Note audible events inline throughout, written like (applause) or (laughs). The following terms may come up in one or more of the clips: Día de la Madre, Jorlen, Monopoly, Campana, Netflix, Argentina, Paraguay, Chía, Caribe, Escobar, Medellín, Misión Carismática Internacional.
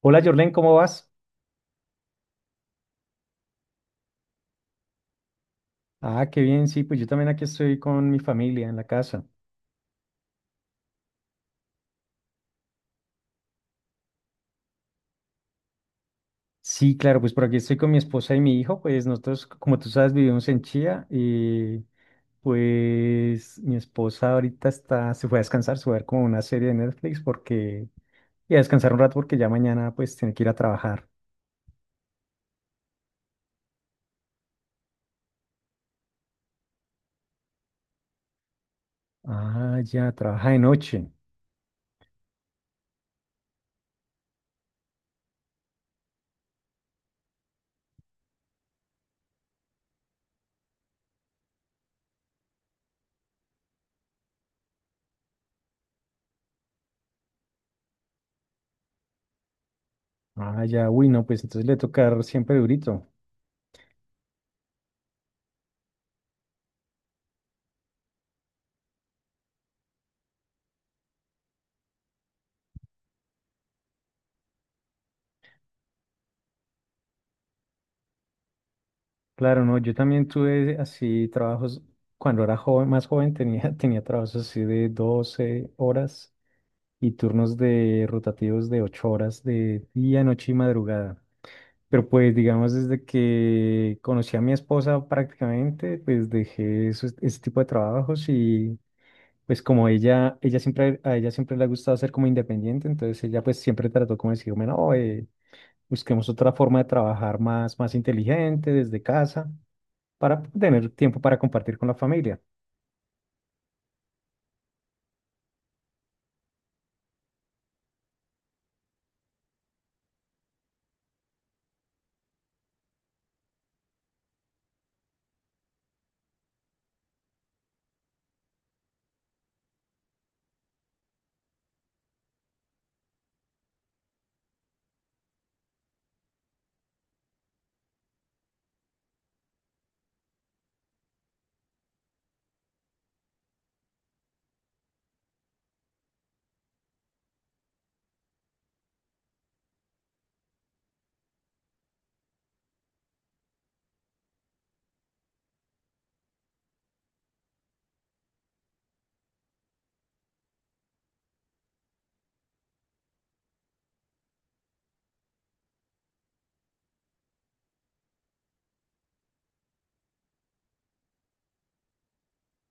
Hola, Jorlen, ¿cómo vas? Ah, qué bien, sí, pues yo también aquí estoy con mi familia en la casa. Sí, claro, pues por aquí estoy con mi esposa y mi hijo, pues nosotros, como tú sabes, vivimos en Chía y pues mi esposa ahorita está, se fue a descansar, se fue a ver como una serie de Netflix porque, y a descansar un rato porque ya mañana pues tiene que ir a trabajar. Ah, ya, trabaja de noche. Ah, ya, uy, no, pues entonces le toca siempre durito. Claro, no, yo también tuve así trabajos, cuando era joven, más joven tenía, (laughs) tenía trabajos así de 12 horas y turnos de rotativos de 8 horas de día, noche y madrugada. Pero pues digamos desde que conocí a mi esposa prácticamente, pues dejé ese tipo de trabajos y pues como a ella siempre le ha gustado ser como independiente. Entonces ella pues siempre trató como de decirme, no, busquemos otra forma de trabajar más, más inteligente desde casa para tener tiempo para compartir con la familia.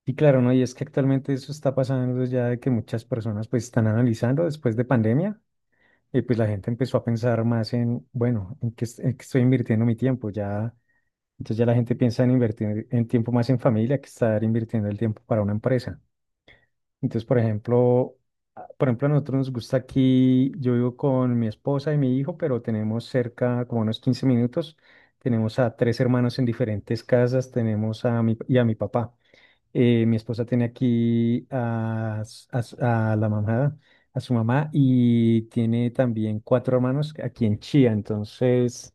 Y claro, ¿no? Y es que actualmente eso está pasando ya, de que muchas personas pues están analizando después de pandemia, y pues la gente empezó a pensar más en, bueno, ¿en qué, en qué estoy invirtiendo mi tiempo? Ya, entonces ya la gente piensa en invertir en tiempo más en familia que estar invirtiendo el tiempo para una empresa. Entonces, por ejemplo, a nosotros nos gusta aquí, yo vivo con mi esposa y mi hijo, pero tenemos cerca, como unos 15 minutos, tenemos a tres hermanos en diferentes casas, tenemos y a mi papá. Mi esposa tiene aquí a, s- a s- a la mamá, a su mamá, y tiene también cuatro hermanos aquí en Chía. Entonces,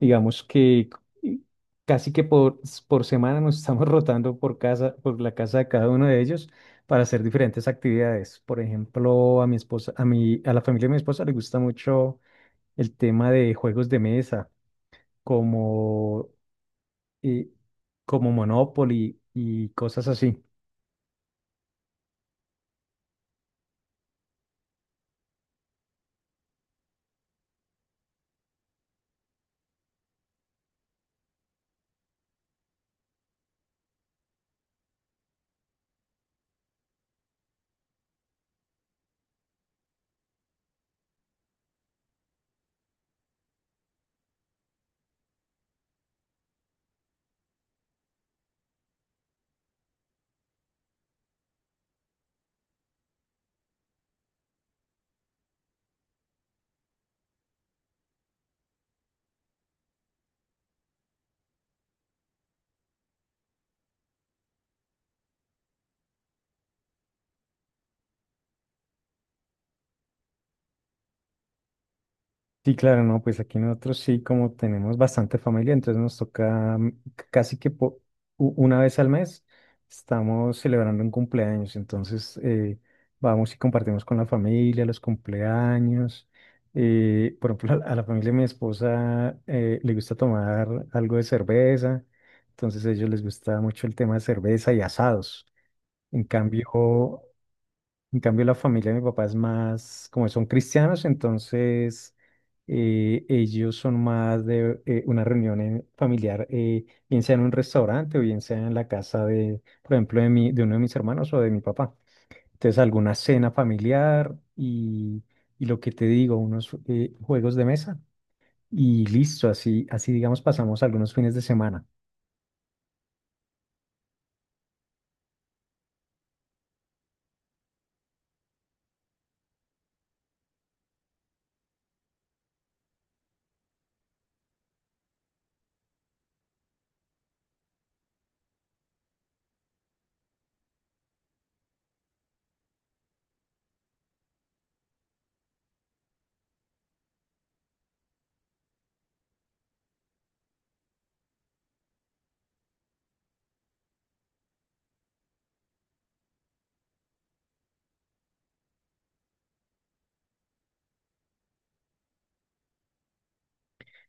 digamos que c- casi que por semana nos (laughs) estamos rotando por casa, por la casa de cada uno de ellos para hacer diferentes actividades. Por ejemplo, a la familia de mi esposa le gusta mucho el tema de juegos de mesa, como, eh, como Monopoly y cosas así. Sí, claro, no, pues aquí nosotros sí, como tenemos bastante familia, entonces nos toca, mm, c- casi que po- u- una vez al mes estamos celebrando un cumpleaños. Entonces vamos y compartimos con la familia los cumpleaños. Por ejemplo, (laughs) a la familia de mi esposa, le gusta tomar algo de cerveza, entonces a ellos les gusta mucho el tema de cerveza y asados. En cambio, en cambio, la familia de mi papá es más, como son cristianos, entonces ellos son más de, una reunión familiar, bien sea en un restaurante o bien sea en la casa de, por ejemplo, de uno de mis hermanos o de mi papá. Entonces, alguna cena familiar y lo que te digo, unos, juegos de mesa, y listo, así, así digamos pasamos algunos fines de semana.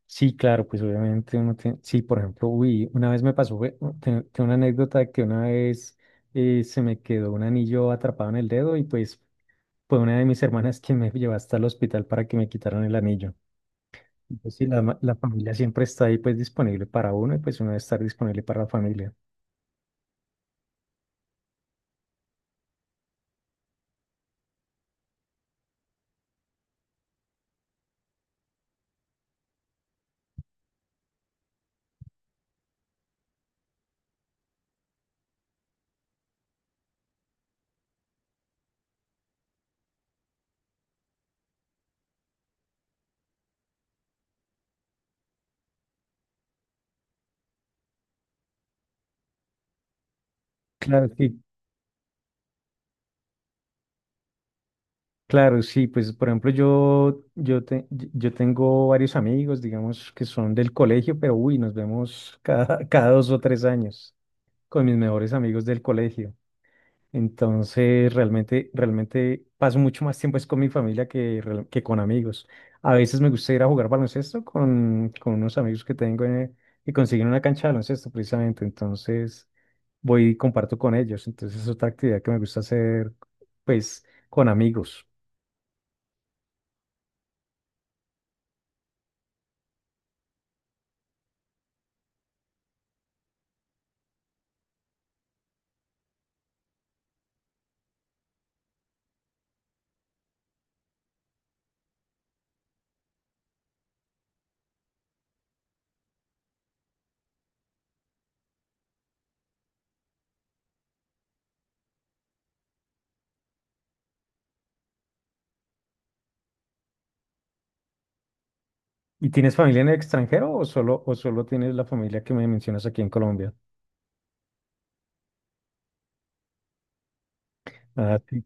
Sí, claro, pues obviamente uno tiene, sí. Por ejemplo, uy, una vez me pasó, tengo una anécdota de que una vez, se me quedó un anillo atrapado en el dedo, y pues fue una de mis hermanas quien me llevó hasta el hospital para que me quitaran el anillo. Entonces, sí, la, la familia siempre está ahí, pues disponible para uno, y pues uno debe estar disponible para la familia. Claro, sí, claro, sí, pues por ejemplo, yo tengo varios amigos, digamos, que son del colegio, pero uy, nos vemos cada, (laughs) cada 2 o 3 años. Con mis mejores amigos del colegio, entonces, realmente, realmente paso mucho más tiempo es con mi familia que, que con amigos. A veces me gusta ir a jugar baloncesto con unos amigos que tengo, y consiguen una cancha de baloncesto precisamente. Entonces, voy y comparto con ellos. Entonces, es otra actividad que me gusta hacer, pues, con amigos. ¿Y tienes familia en el extranjero, o solo tienes la familia que me mencionas aquí en Colombia? Ah, sí.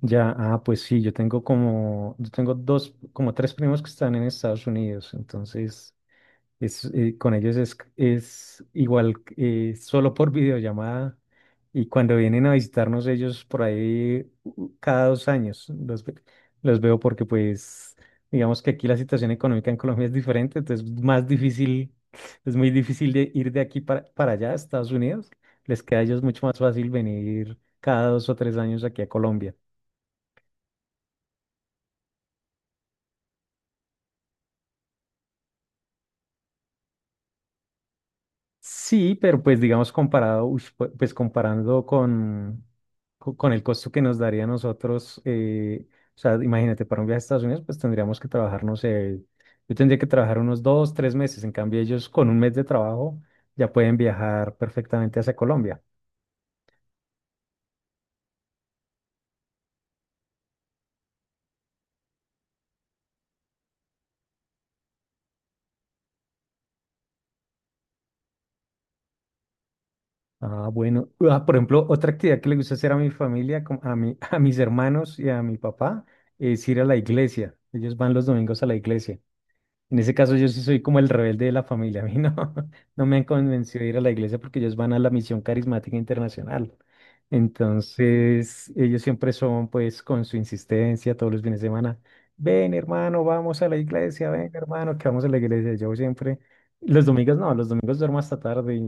Ya, ah, pues sí, yo tengo dos, como tres primos que están en Estados Unidos. Entonces es, con ellos es igual, solo por videollamada, y cuando vienen a visitarnos ellos por ahí, cada 2 años los veo, porque pues digamos que aquí la situación económica en Colombia es diferente, entonces más difícil. Es muy difícil de ir de aquí para allá a Estados Unidos. Les queda a ellos mucho más fácil venir cada 2 o 3 años aquí a Colombia. Sí, pero pues digamos comparado, uy, pues comparando con el costo que nos daría a nosotros, o sea, imagínate, para un viaje a Estados Unidos, pues tendríamos que trabajar, no sé, yo tendría que trabajar unos 2, 3 meses, en cambio ellos con un mes de trabajo ya pueden viajar perfectamente hacia Colombia. Ah, bueno. Ah, por ejemplo, otra actividad que le gusta hacer a mi familia, como a mi, (laughs) a mis hermanos y a mi papá, es ir a la iglesia. Ellos van los domingos a la iglesia. En ese caso, yo sí soy como el rebelde de la familia. (laughs) A mí no, (laughs) no me han convencido de ir a la iglesia, porque ellos van a la Misión Carismática Internacional. Entonces, ellos siempre son, pues, con su insistencia todos los fines de semana, ven hermano, vamos a la iglesia, ven hermano, que vamos a la iglesia. Yo siempre, los domingos no, los domingos duermo hasta tarde.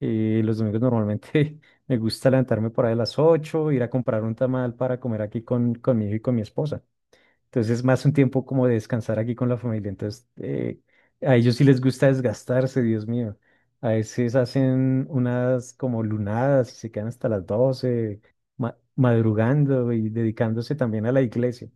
Los domingos normalmente (laughs) me gusta levantarme por ahí a las 8, ir a comprar un tamal para comer aquí con mi hijo y con mi esposa. Entonces es más un tiempo como de descansar aquí con la familia. Entonces, a ellos sí les gusta desgastarse, Dios mío. A veces hacen unas como lunadas y se quedan hasta las 12, madrugando y dedicándose también a la iglesia.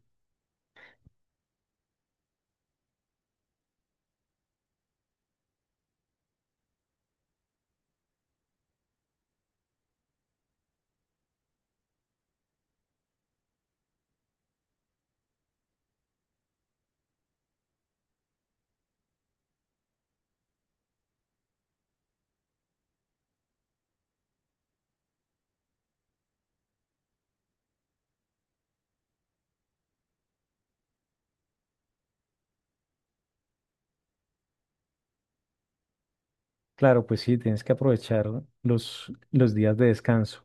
Claro, pues sí, tienes que aprovechar los días de descanso.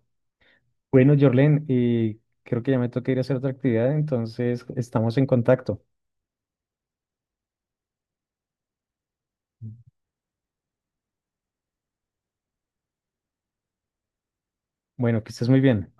Bueno, Jorlen, y creo que ya me toca ir a hacer otra actividad, entonces estamos en contacto. Bueno, que estés muy bien.